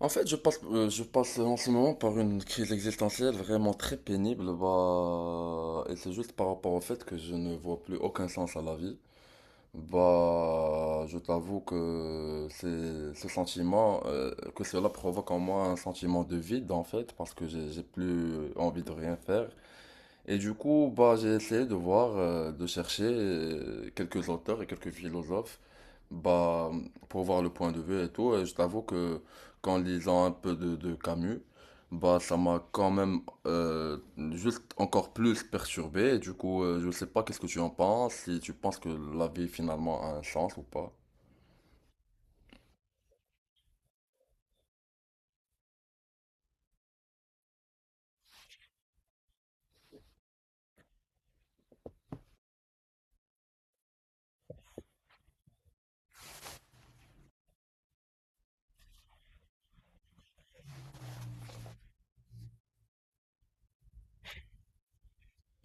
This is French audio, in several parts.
En fait, je passe en ce moment par une crise existentielle vraiment très pénible, bah, et c'est juste par rapport au fait que je ne vois plus aucun sens à la vie. Bah, je t'avoue que c'est ce sentiment, que cela provoque en moi un sentiment de vide en fait, parce que j'ai plus envie de rien faire. Et du coup, bah, j'ai essayé de voir, de chercher quelques auteurs et quelques philosophes, bah, pour voir le point de vue et tout, et je t'avoue que qu'en lisant un peu de Camus, bah, ça m'a quand même juste encore plus perturbé. Et du coup, je sais pas qu'est-ce que tu en penses, si tu penses que la vie finalement a un sens ou pas.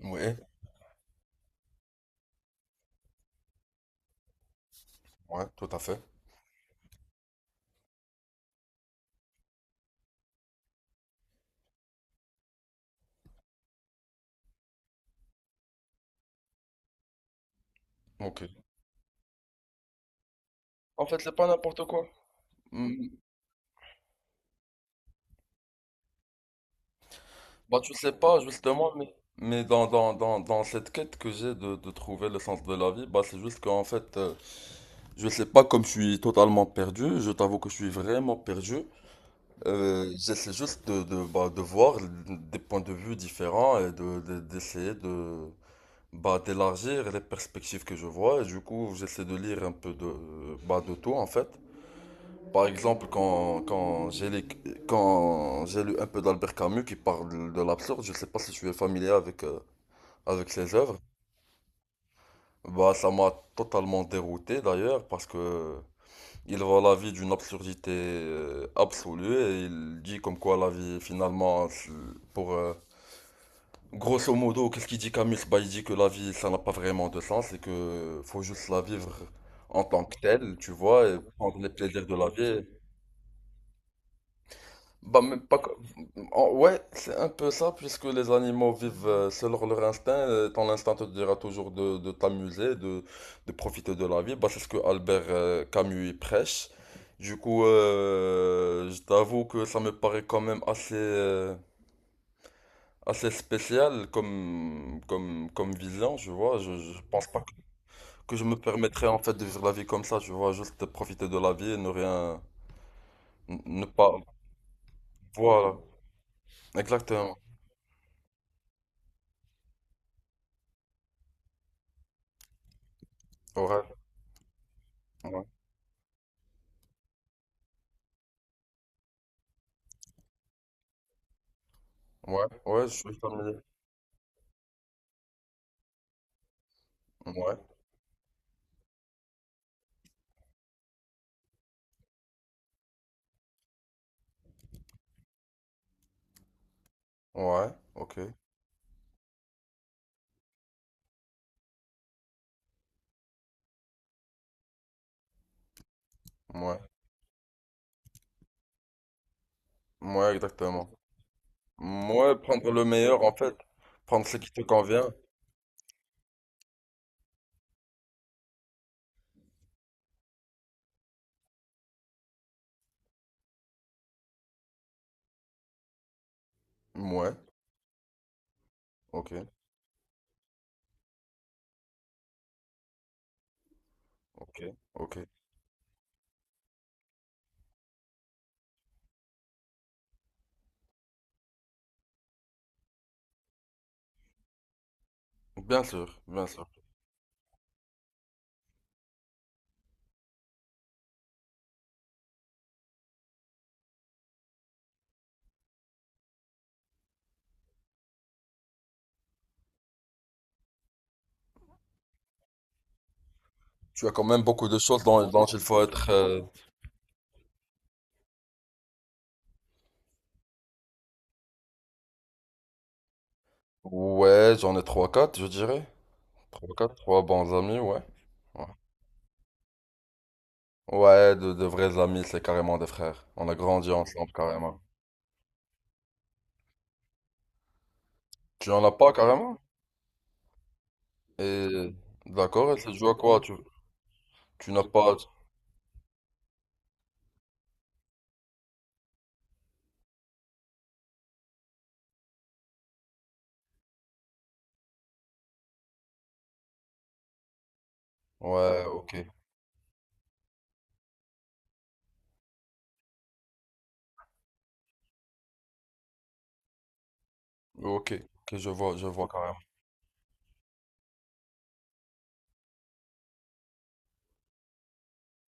Oui. Ouais, tout à fait. Ok. En fait, c'est pas n'importe quoi. Mm. Bah, tu sais pas, justement, Mais dans cette quête que j'ai de trouver le sens de la vie, bah, c'est juste qu'en fait, je sais pas, comme je suis totalement perdu, je t'avoue que je suis vraiment perdu. J'essaie juste bah, de voir des points de vue différents et d'essayer de, bah, d'élargir les perspectives que je vois. Et du coup, j'essaie de lire un peu bah, de tout en fait. Par exemple, quand j'ai lu un peu d'Albert Camus qui parle de l'absurde, je sais pas si tu es familier avec ses œuvres. Bah, ça m'a totalement dérouté d'ailleurs, parce que Il voit la vie d'une absurdité absolue, et il dit comme quoi la vie finalement, pour, grosso modo, qu'est-ce qu'il dit, Camus? Bah, il dit que la vie, ça n'a pas vraiment de sens et que faut juste la vivre en tant que telle, tu vois, et prendre les plaisirs de la vie. Bah, mais pas co- en- ouais, c'est un peu ça, puisque les animaux vivent selon leur instinct. Euh, ton instinct te dira toujours de, de t'amuser, de profiter de la vie. Bah, c'est ce que Albert Camus y prêche. Du coup, je t'avoue que ça me paraît quand même assez, assez spécial comme, comme vision, tu vois. Je pense pas que je me permettrais en fait de vivre la vie comme ça, tu vois. Juste profiter de la vie et ne rien. Ne pas. Voilà, exactement. Ouais. Ouais. Ouais, ouais, je suis familier. Ouais, ouais, ok, ouais, ouais, exactement. Ouais, prendre le meilleur en fait, prendre ce qui te convient. Ouais, ok, ok, ok. Bien sûr, bien sûr. Tu as quand même beaucoup de choses dont il faut être. Ouais, j'en ai trois quatre, je dirais. Trois bons amis, ouais. Ouais, Ouais, de vrais amis, c'est carrément des frères. On a grandi ensemble, carrément. Tu en as pas, carrément? Et d'accord, et ça se joue à quoi? Tu n'as pas. Ouais, ok. Ok, ok, je vois carrément.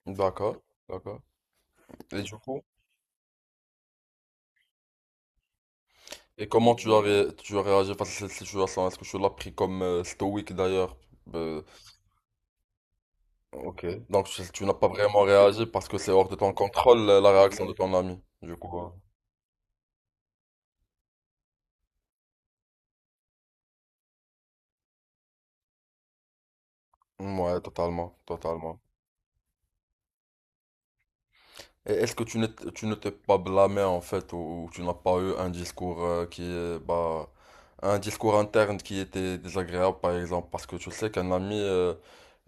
D'accord, d'accord. Et du coup, et comment tu as, tu as réagi face à cette situation? Est-ce que tu l'as pris comme stoïque d'ailleurs? Euh, ok. Donc tu n'as pas vraiment réagi parce que c'est hors de ton contrôle, la réaction de ton ami. Du coup, ouais, totalement, totalement. Et est-ce que tu ne t'es pas blâmé en fait, ou tu n'as pas eu un discours qui est, bah, un discours interne qui était désagréable par exemple? Parce que tu sais qu'un ami, euh,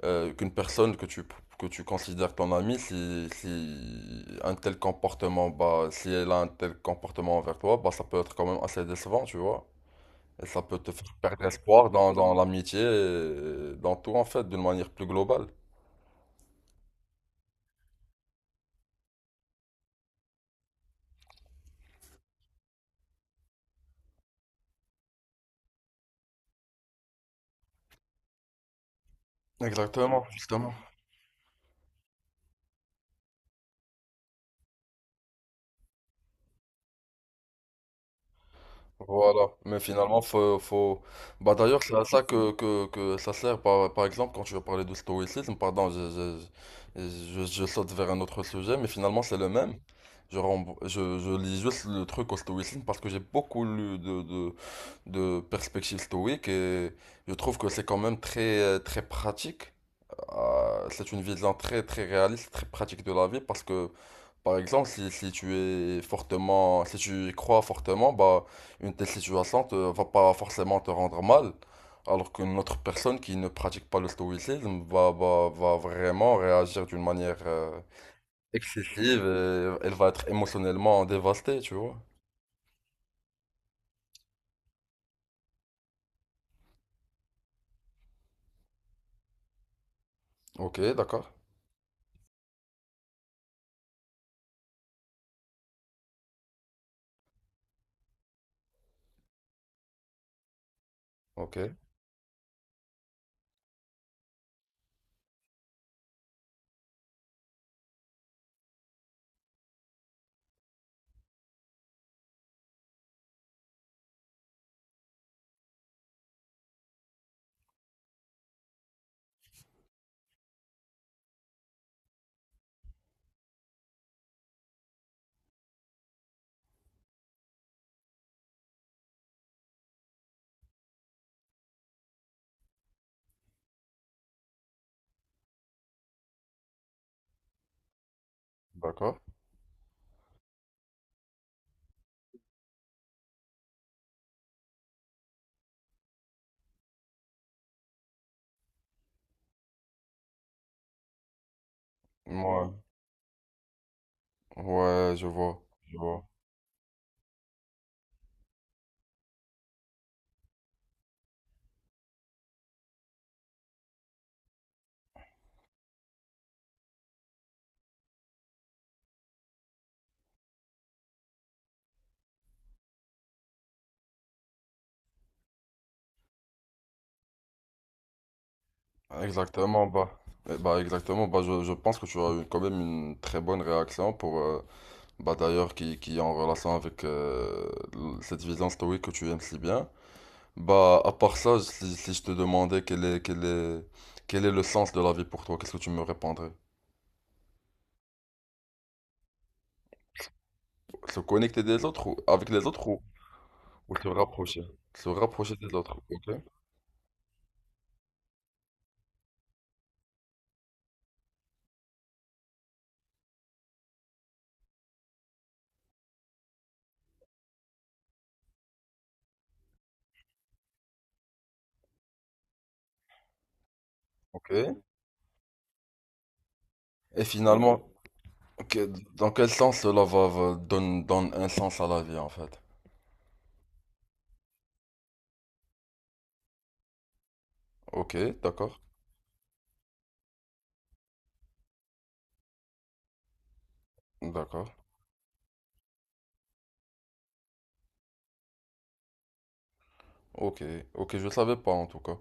euh, qu'une personne que tu considères ton amie, si un tel comportement, bah, si elle a un tel comportement envers toi, bah, ça peut être quand même assez décevant, tu vois. Et ça peut te faire perdre espoir dans l'amitié, et dans tout en fait, d'une manière plus globale. Exactement, justement. Voilà, mais finalement, faut, faut. Bah d'ailleurs, c'est à ça que, que ça sert, par exemple, quand tu veux parler de stoïcisme, pardon, je saute vers un autre sujet, mais finalement, c'est le même. Je lis juste le truc au stoïcisme parce que j'ai beaucoup lu de, de perspectives stoïques, et je trouve que c'est quand même très, très pratique, c'est une vision très très réaliste, très pratique de la vie, parce que par exemple si tu es fortement, si tu y crois fortement, bah une telle situation te va pas forcément te rendre mal, alors qu'une autre personne qui ne pratique pas le stoïcisme va vraiment réagir d'une manière excessive, et elle va être émotionnellement dévastée, tu vois. Ok, d'accord. Ok, d'accord. Moi, ouais, ouais, je vois. Je vois. Exactement, bah. Eh bah exactement, bah, je pense que tu as eu quand même une très bonne réaction pour, bah, d'ailleurs, qui, est en relation avec, cette vision stoïque que tu aimes si bien. Bah, à part ça, si je te demandais quel est, quel est le sens de la vie pour toi, qu'est-ce que tu me répondrais? Se connecter des autres, ou avec les autres, ou, se rapprocher? Se rapprocher des autres, ok, ok. Et finalement, que- dans quel sens cela va, donne un sens à la vie, en fait? Ok, d'accord, d'accord. Ok, ok, je le savais pas en tout cas.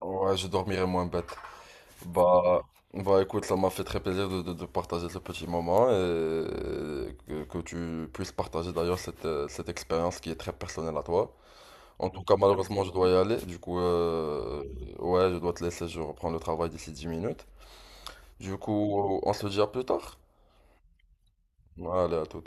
Ouais, je dormirai moins bête. Bah, écoute, ça m'a fait très plaisir de, de partager ce petit moment, et que tu puisses partager d'ailleurs cette expérience qui est très personnelle à toi. En tout cas, malheureusement, je dois y aller. Du coup, ouais, je dois te laisser, je reprends le travail d'ici 10 minutes. Du coup, on se dit à plus tard. Allez, à tout.